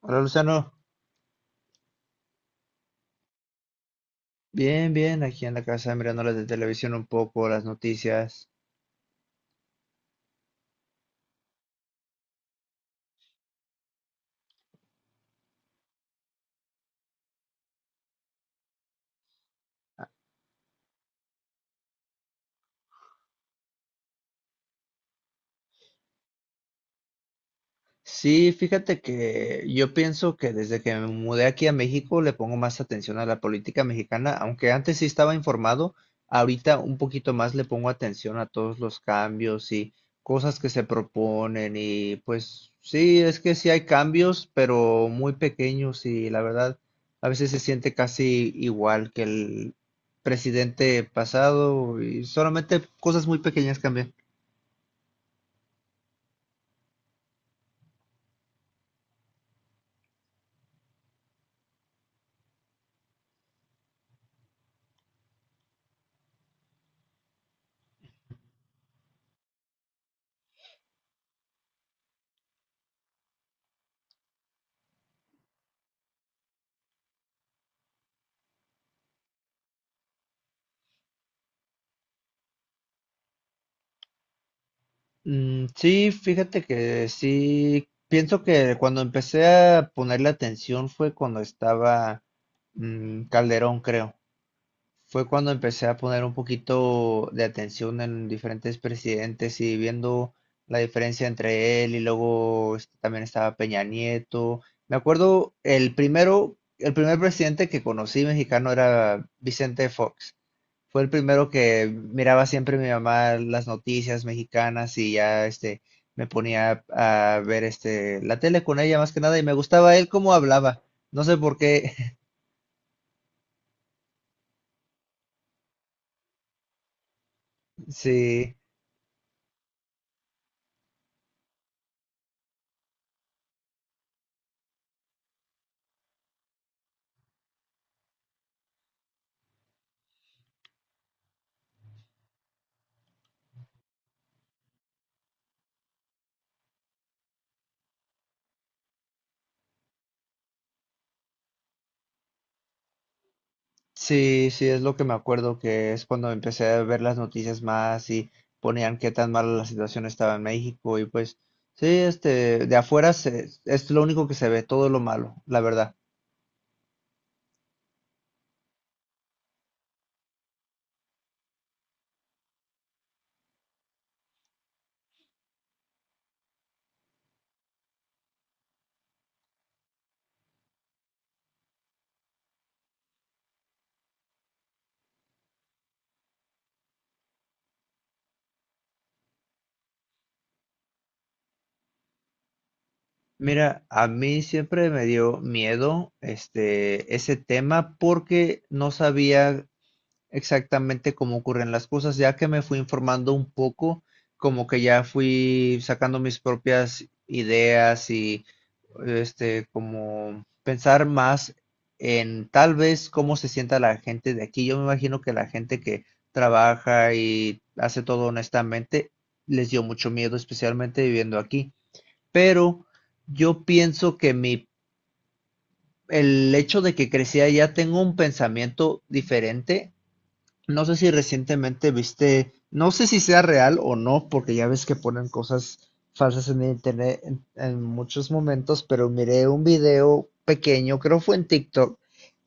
Hola Luciano, bien, bien, aquí en la casa mirando las de televisión un poco, las noticias. Sí, fíjate que yo pienso que desde que me mudé aquí a México le pongo más atención a la política mexicana, aunque antes sí estaba informado, ahorita un poquito más le pongo atención a todos los cambios y cosas que se proponen y pues sí, es que sí hay cambios, pero muy pequeños y la verdad a veces se siente casi igual que el presidente pasado y solamente cosas muy pequeñas cambian. Mm, sí, fíjate que sí, pienso que cuando empecé a ponerle atención fue cuando estaba Calderón, creo. Fue cuando empecé a poner un poquito de atención en diferentes presidentes y viendo la diferencia entre él y luego este, también estaba Peña Nieto. Me acuerdo el primero, el primer presidente que conocí mexicano era Vicente Fox. Fue el primero que miraba siempre mi mamá las noticias mexicanas y ya este me ponía a ver este la tele con ella más que nada y me gustaba él cómo hablaba. No sé por qué. Sí, sí, es lo que me acuerdo que es cuando empecé a ver las noticias más y ponían qué tan mala la situación estaba en México y pues sí, este de afuera se- es lo único que se ve, todo lo malo, la verdad. Mira, a mí siempre me dio miedo este ese tema porque no sabía exactamente cómo ocurren las cosas. Ya que me fui informando un poco, como que ya fui sacando mis propias ideas y este como pensar más en tal vez cómo se sienta la gente de aquí. Yo me imagino que la gente que trabaja y hace todo honestamente les dio mucho miedo, especialmente viviendo aquí pero yo pienso que mi, el hecho de que crecí allá tengo un pensamiento diferente. No sé si recientemente viste, no sé si sea real o no, porque ya ves que ponen cosas falsas en internet en muchos momentos, pero miré un video pequeño, creo fue en TikTok,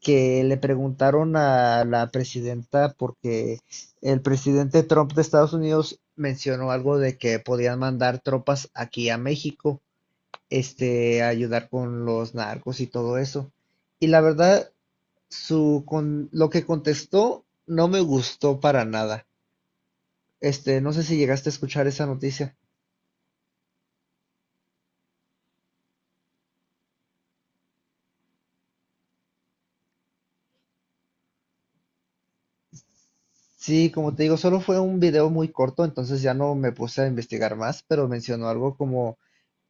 que le preguntaron a la presidenta porque el presidente Trump de Estados Unidos mencionó algo de que podían mandar tropas aquí a México este, ayudar con los narcos y todo eso. Y la verdad, su, con, lo que contestó no me gustó para nada. Este, no sé si llegaste a escuchar esa noticia. Sí, como te digo, solo fue un video muy corto, entonces ya no me puse a investigar más, pero mencionó algo como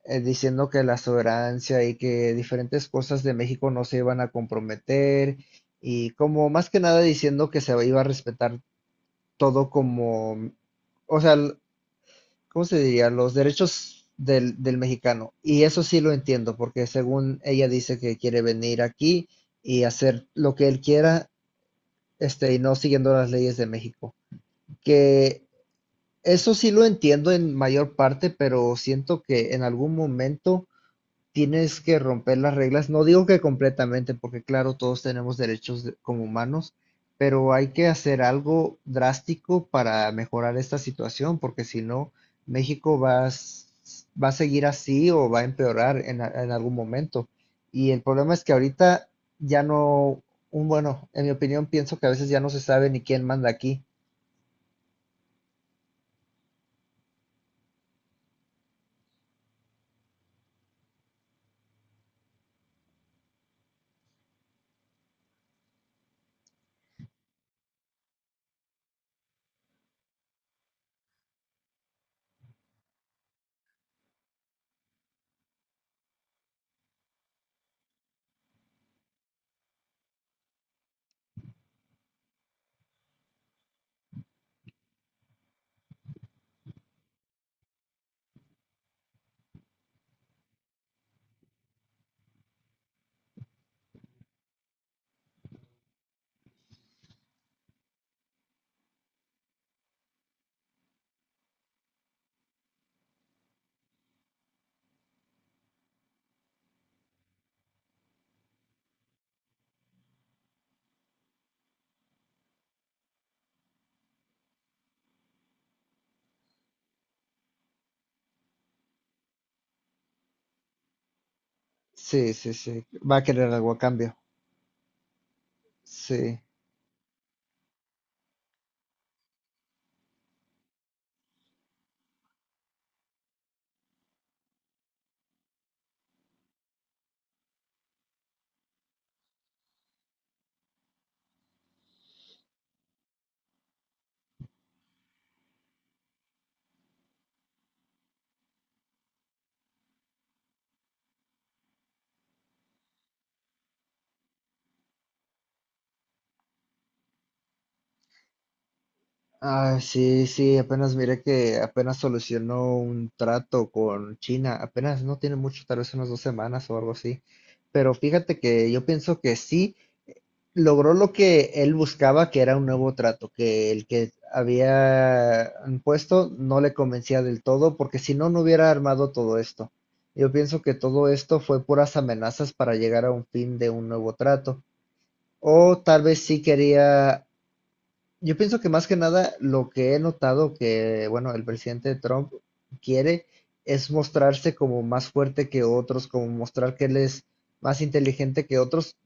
diciendo que la soberanía y que diferentes cosas de México no se iban a comprometer y como más que nada diciendo que se iba a respetar todo como, o sea, l- ¿cómo se diría? Los derechos del mexicano. Y eso sí lo entiendo, porque según ella dice que quiere venir aquí y hacer lo que él quiera, este, y no siguiendo las leyes de México. Que eso sí lo entiendo en mayor parte, pero siento que en algún momento tienes que romper las reglas. No digo que completamente, porque claro, todos tenemos derechos de- como humanos, pero hay que hacer algo drástico para mejorar esta situación, porque si no, México va a, s- va a seguir así o va a empeorar en, a- en algún momento. Y el problema es que ahorita ya no, un bueno, en mi opinión, pienso que a veces ya no se sabe ni quién manda aquí. Sí, va a querer algo a cambio. Sí. Ah, sí, sí, apenas miré que apenas solucionó un trato con China, apenas no tiene mucho, tal vez unas dos semanas o algo así. Pero fíjate que yo pienso que sí logró lo que él buscaba, que era un nuevo trato, que el que había puesto no le convencía del todo, porque si no, no hubiera armado todo esto. Yo pienso que todo esto fue puras amenazas para llegar a un fin de un nuevo trato. O tal vez sí quería yo pienso que más que nada lo que he notado que, bueno, el presidente Trump quiere es mostrarse como más fuerte que otros, como mostrar que él es más inteligente que otros,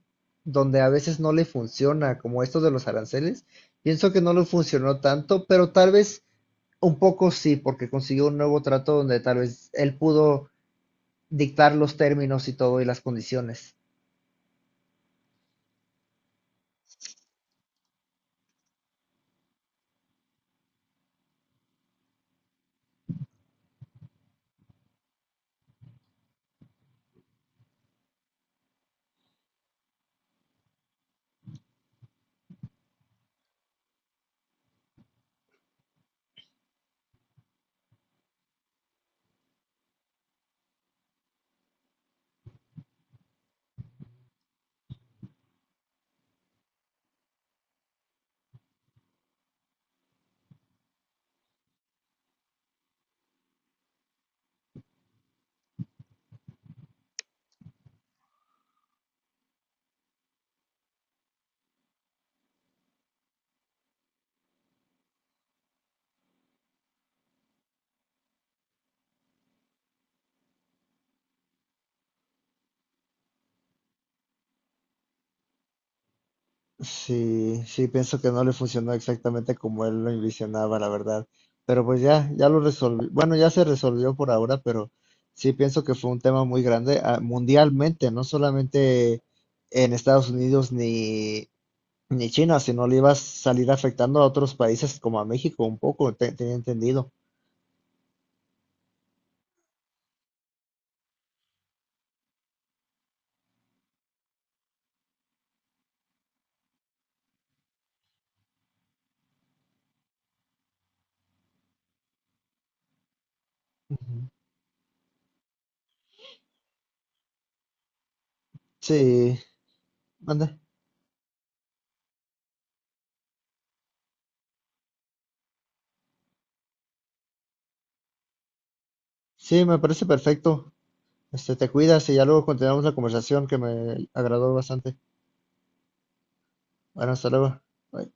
donde a veces no le funciona, como esto de los aranceles. Pienso que no le funcionó tanto, pero tal vez un poco sí, porque consiguió un nuevo trato donde tal vez él pudo dictar los términos y todo y las condiciones. Sí, sí, pienso que no le funcionó exactamente como él lo envisionaba, la verdad. Pero pues ya, ya lo resolví. Bueno, ya se resolvió por ahora, pero sí pienso que fue un tema muy grande ah, mundialmente, no solamente en Estados Unidos ni China, sino le iba a salir afectando a otros países como a México un poco, te- tenía entendido. Ujú. Sí, manda. Sí, me parece perfecto. Este, te cuidas y ya luego continuamos la conversación que me agradó bastante. Bueno, hasta luego. Bye.